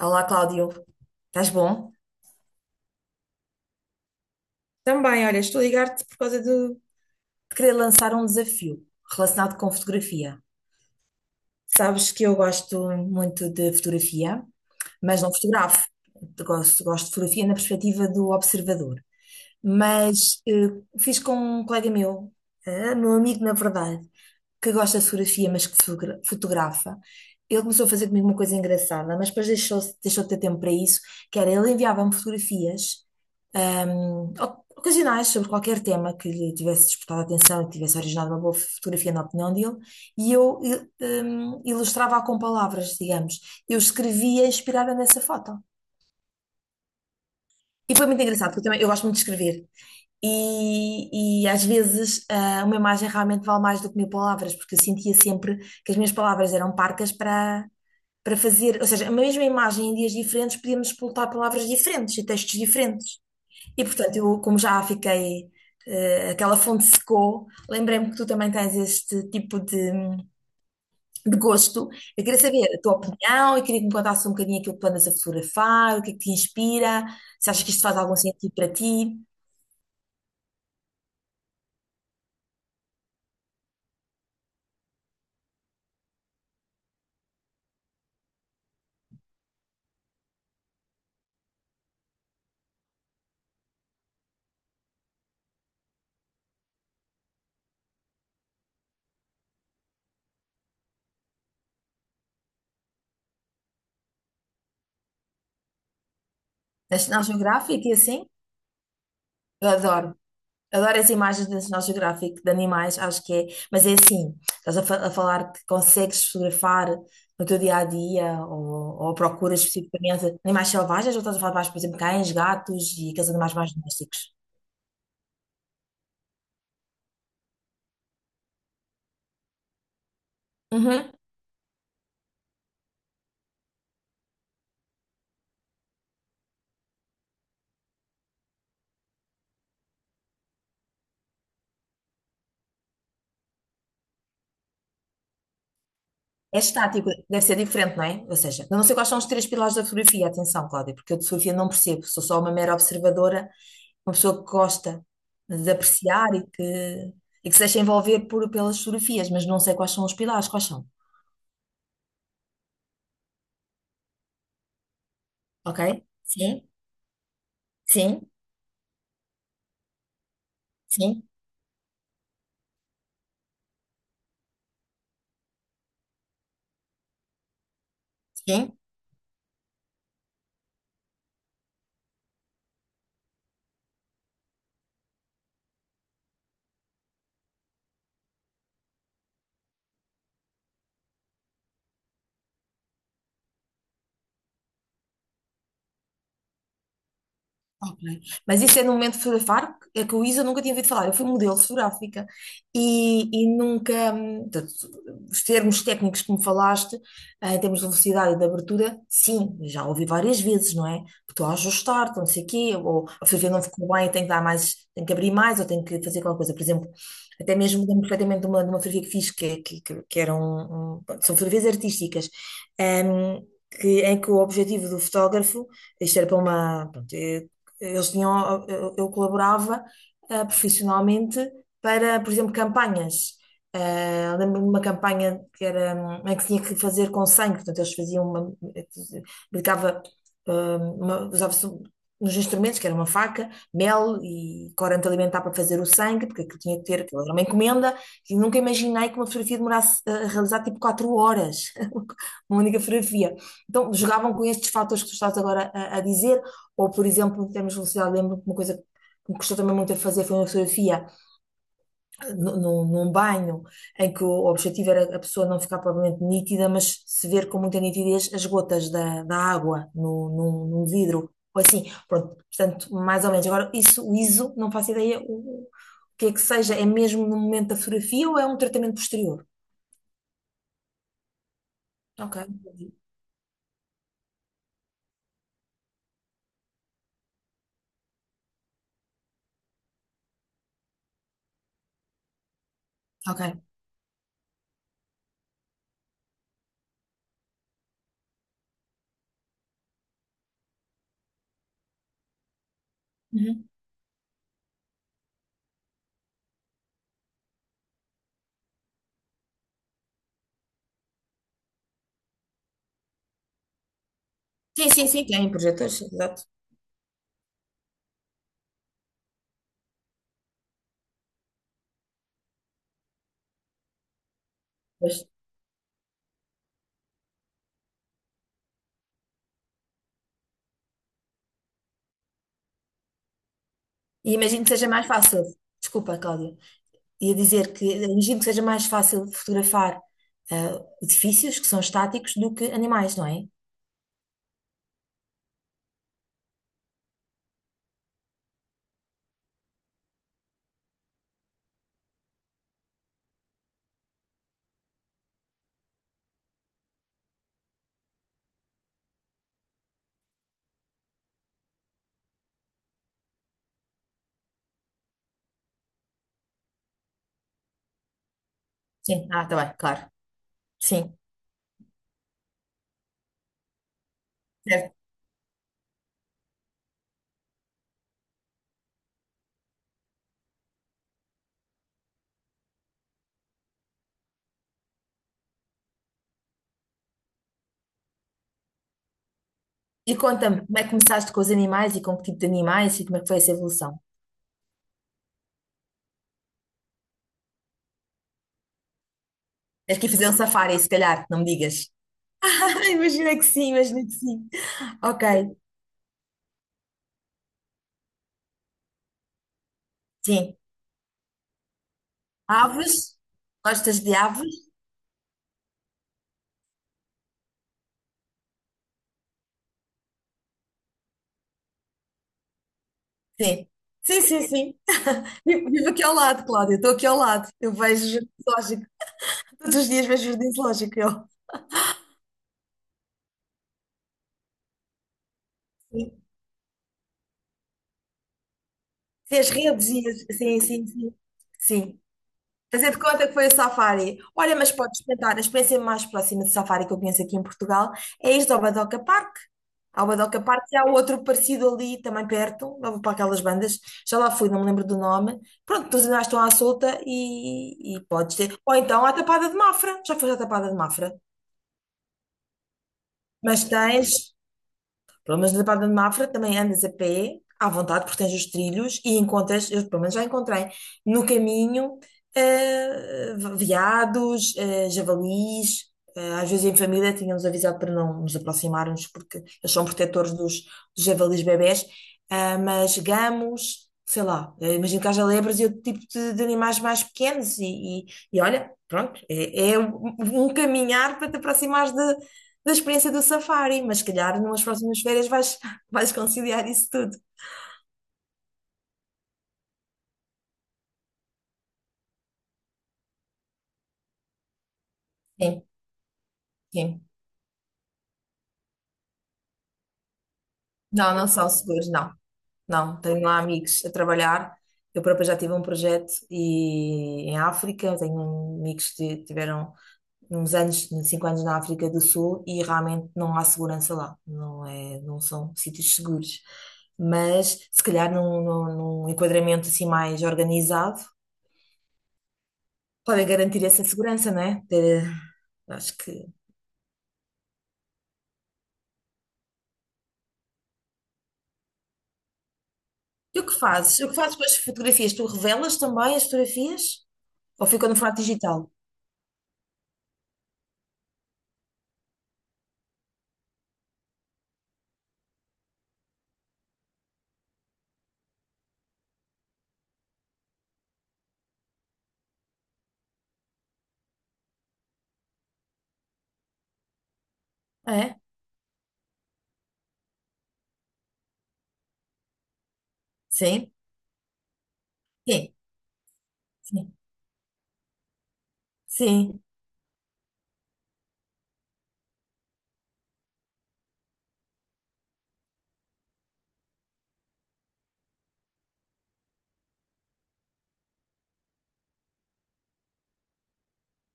Olá, Cláudio. Estás bom? Também, olha, estou a ligar-te por causa de querer lançar um desafio relacionado com fotografia. Sabes que eu gosto muito de fotografia, mas não fotografo. Gosto de fotografia na perspectiva do observador. Mas fiz com um colega meu, meu amigo, na verdade, que gosta de fotografia, mas que fotografa. Ele começou a fazer comigo uma coisa engraçada, mas depois deixou de ter tempo para isso, que era ele enviava-me fotografias, ocasionais sobre qualquer tema que lhe tivesse despertado a atenção e que tivesse originado uma boa fotografia na opinião dele, e eu ilustrava-a com palavras, digamos. Eu escrevia inspirada nessa foto. E foi muito engraçado, porque eu também eu gosto muito de escrever. E às vezes uma imagem realmente vale mais do que mil palavras, porque eu sentia sempre que as minhas palavras eram parcas para fazer, ou seja, a mesma imagem em dias diferentes podíamos explotar palavras diferentes e textos diferentes. E portanto, eu, como já fiquei, aquela fonte secou, lembrei-me que tu também tens este tipo de gosto. Eu queria saber a tua opinião, e queria que me contasse um bocadinho aquilo que tu andas a fotografar, o que é que te inspira, se achas que isto faz algum sentido para ti, na National Geographic e assim. Eu adoro. Adoro as imagens do National Geographic de animais, acho que é. Mas é assim, estás a, a falar que consegues fotografar no teu dia a dia ou procuras especificamente animais selvagens ou estás a falar mais, por exemplo, cães, gatos e aqueles animais mais domésticos? Uhum. É estático, deve ser diferente, não é? Ou seja, eu não sei quais são os três pilares da fotografia, atenção, Cláudia, porque eu de fotografia não percebo, sou só uma mera observadora, uma pessoa que gosta de apreciar e que se deixa envolver por, pelas fotografias, mas não sei quais são os pilares, quais são? Ok? Sim, sim, sim, sim. Ok. Mas isso é no momento fotográfico, é que o Isa nunca tinha ouvido falar. Eu fui modelo fotográfica e nunca. Portanto, os termos técnicos que me falaste, em termos de velocidade e de abertura, sim, já ouvi várias vezes, não é? Estou a ajustar, estou não sei o quê, ou a fotografia não ficou bem, tenho que dar mais, tenho que abrir mais, ou tenho que fazer qualquer coisa. Por exemplo, até mesmo lembro perfeitamente de uma fotografia que fiz, que eram. São fotografias artísticas. hum, que, em que o objetivo do fotógrafo, isto era para uma, pronto, eles tinham, eu colaborava profissionalmente para, por exemplo, campanhas. Lembro-me de uma campanha que era, em que tinha que fazer com sangue, portanto, eles faziam uma, aplicava, usava-se um, nos instrumentos, que era uma faca, mel e corante alimentar para fazer o sangue, porque aquilo tinha que ter, aquilo era uma encomenda, e nunca imaginei que uma fotografia demorasse a realizar tipo 4 horas, uma única fotografia. Então, jogavam com estes fatores que tu estás agora a dizer, ou, por exemplo, em termos de velocidade, lembro-me que uma coisa que me custou também muito a fazer foi uma fotografia num banho, em que o objetivo era a pessoa não ficar propriamente nítida, mas se ver com muita nitidez as gotas da água no, num, num vidro, ou assim. Pronto, portanto, mais ou menos. Agora, isso, o ISO, não faço ideia o que é que seja. É mesmo no momento da fotografia ou é um tratamento posterior? Ok, entendi. Ok. Uhum. Sim, sim, sim, tem projetores, sim, exato. Pois. E imagino que seja mais fácil. Desculpa, Cláudia. Ia dizer que imagino que seja mais fácil fotografar edifícios que são estáticos do que animais, não é? Sim, tá bem, claro. Sim, certo. E conta-me, como é que começaste com os animais e com que tipo de animais e como é que foi essa evolução? Tens que ir fazer um safari, se calhar, não me digas. Imagina que sim, imagina que sim. Ok, sim. Aves? Gostas de aves? Sim. Sim, sim, sim. Vivo aqui ao lado, Cláudia. Estou aqui ao lado. Eu vejo o jardim zoológico. Todos os dias vejo o jardim zoológico. Eu. Fez redes e sim, sim, sim. Sim. Fazer de conta que foi o Safari. Olha, mas podes experimentar. A experiência mais próxima de Safari que eu conheço aqui em Portugal é este ao Badoca Park. Ao Badoca Park e há outro parecido ali também perto, lá para aquelas bandas. Já lá fui, não me lembro do nome. Pronto, todos ainda estão à solta e podes ter. Ou então à Tapada de Mafra. Já foste à Tapada de Mafra. Mas tens. Pelo menos na Baía de Mafra também andas a pé, à vontade, porque tens os trilhos e encontras, eu pelo menos já encontrei, no caminho, veados, javalis. Às vezes em família tínhamos avisado para não nos aproximarmos, porque eles são protetores dos, javalis bebés, mas gamos, sei lá, imagino que haja lebres e outro tipo de animais mais pequenos, e, e olha, pronto, é um caminhar para te aproximares da experiência do safari, mas se calhar numas próximas férias vais, vais conciliar isso tudo. Sim, sim. Não, não são seguros, não. Não, tenho lá amigos a trabalhar. Eu própria já tive um projeto e, em África, tenho amigos que tiveram uns anos, 5 anos na África do Sul e realmente não há segurança lá. Não é, não são sítios seguros. Mas se calhar num enquadramento assim mais organizado, podem garantir essa segurança, não é? Acho que. E o que fazes? O que fazes com as fotografias? Tu revelas também as fotografias? Ou fica no formato digital? É? Sim? Sim, sim, sim,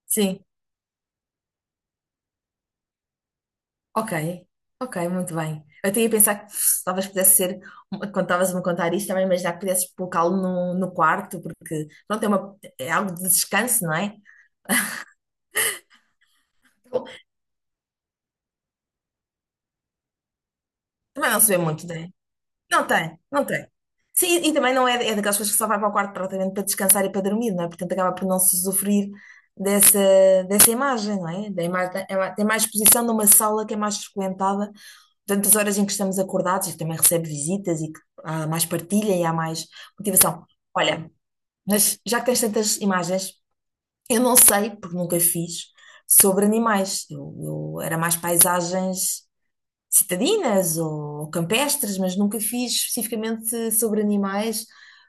sim. Ok, ok, muito bem. Eu tinha a pensar que pff, talvez pudesse ser, quando estavas a me contar isto, estava imaginar que pudesses colocá-lo no, no quarto, porque pronto, é, uma, é algo de descanso, não é? Bom, também não se vê muito, né? Não tem, não tem. Sim, e também não é, é daquelas pessoas que só vai para o quarto praticamente para descansar e para dormir, não é? Portanto, acaba por não se usufruir dessa, dessa imagem, não é? Da imagem, tem mais exposição numa sala que é mais frequentada durante as horas em que estamos acordados e que também recebe visitas e que há mais partilha e há mais motivação. Olha, mas já que tens tantas imagens, eu não sei, porque nunca fiz, sobre animais. Eu era mais paisagens citadinas ou campestres, mas nunca fiz especificamente sobre animais,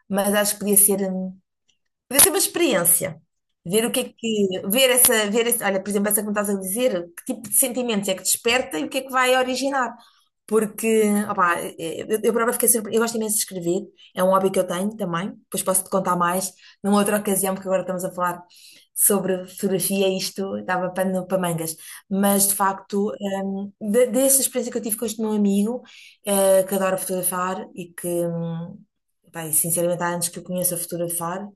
mas acho que podia ser. Deve ser uma experiência. Ver o que é que. Ver essa. Ver essa olha, por exemplo, essa que me estás a dizer, que tipo de sentimentos é que desperta e o que é que vai originar. Porque, opá, eu, própria fiquei surpresa. Eu gosto imenso de escrever, é um hobby que eu tenho também. Depois posso te contar mais numa outra ocasião, porque agora estamos a falar sobre fotografia e isto dava pano para mangas. Mas, de facto, dessa experiência que eu tive com este meu amigo, que adora fotografar e que, pá, e sinceramente, há anos que eu conheço a fotografar,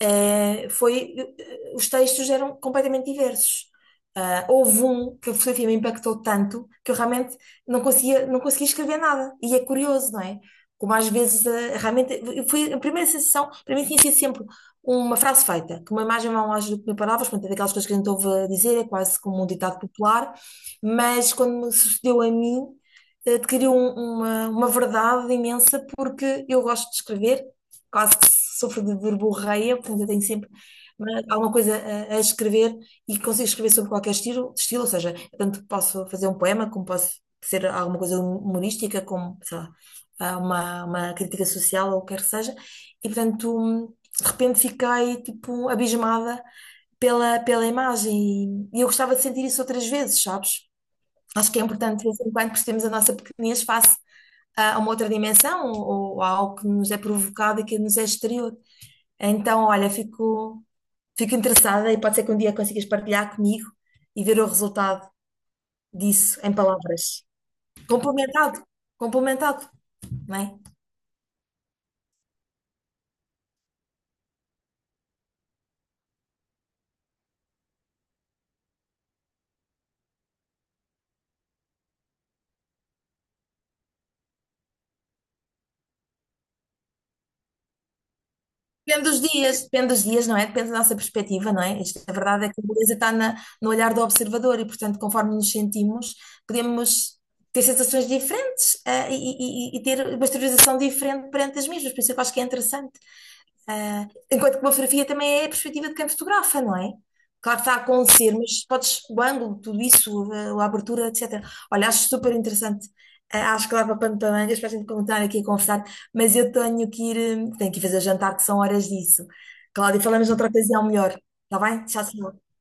os textos eram completamente diversos. Ah, houve um que a fotografia me impactou tanto que eu realmente não conseguia escrever nada. E é curioso, não é? Como às vezes, realmente, foi a primeira sensação, para mim tinha sido sempre uma frase feita, que uma imagem vai mais do que mil palavras, portanto, é daquelas coisas que a gente ouve dizer, é quase como um ditado popular, mas quando me sucedeu a mim, adquiriu uma verdade imensa porque eu gosto de escrever, quase que sofro de verborreia, portanto eu tenho sempre alguma coisa a escrever e consigo escrever sobre qualquer estilo, ou seja, tanto posso fazer um poema, como posso ser alguma coisa humorística, como, sei lá, uma, crítica social ou o que quer que seja, e portanto de repente fiquei tipo abismada pela imagem e eu gostava de sentir isso outras vezes, sabes? Acho que é importante de vez em quando percebermos a nossa pequenez face a uma outra dimensão ou a algo que nos é provocado e que nos é exterior. Então, olha, fico interessada e pode ser que um dia consigas partilhar comigo e ver o resultado disso em palavras. Complementado, complementado, não é? Depende dos dias, não é? Depende da nossa perspectiva, não é? Isto, a verdade é que a beleza está no olhar do observador e, portanto, conforme nos sentimos, podemos ter sensações diferentes, e ter uma exteriorização diferente perante as mesmas. Por isso é que eu acho que é interessante. Ah, enquanto que uma fotografia também é a perspectiva de quem fotografa, não é? Claro que está a acontecer, mas podes, o ângulo, tudo isso, a abertura, etc. Olha, acho super interessante. Ah, acho que dava pano para mangas para a gente continuar aqui a conversar, mas eu tenho que ir, tenho que ir fazer jantar, que são horas disso. Cláudia, falamos noutra ocasião melhor, está bem? Tchau, tchau.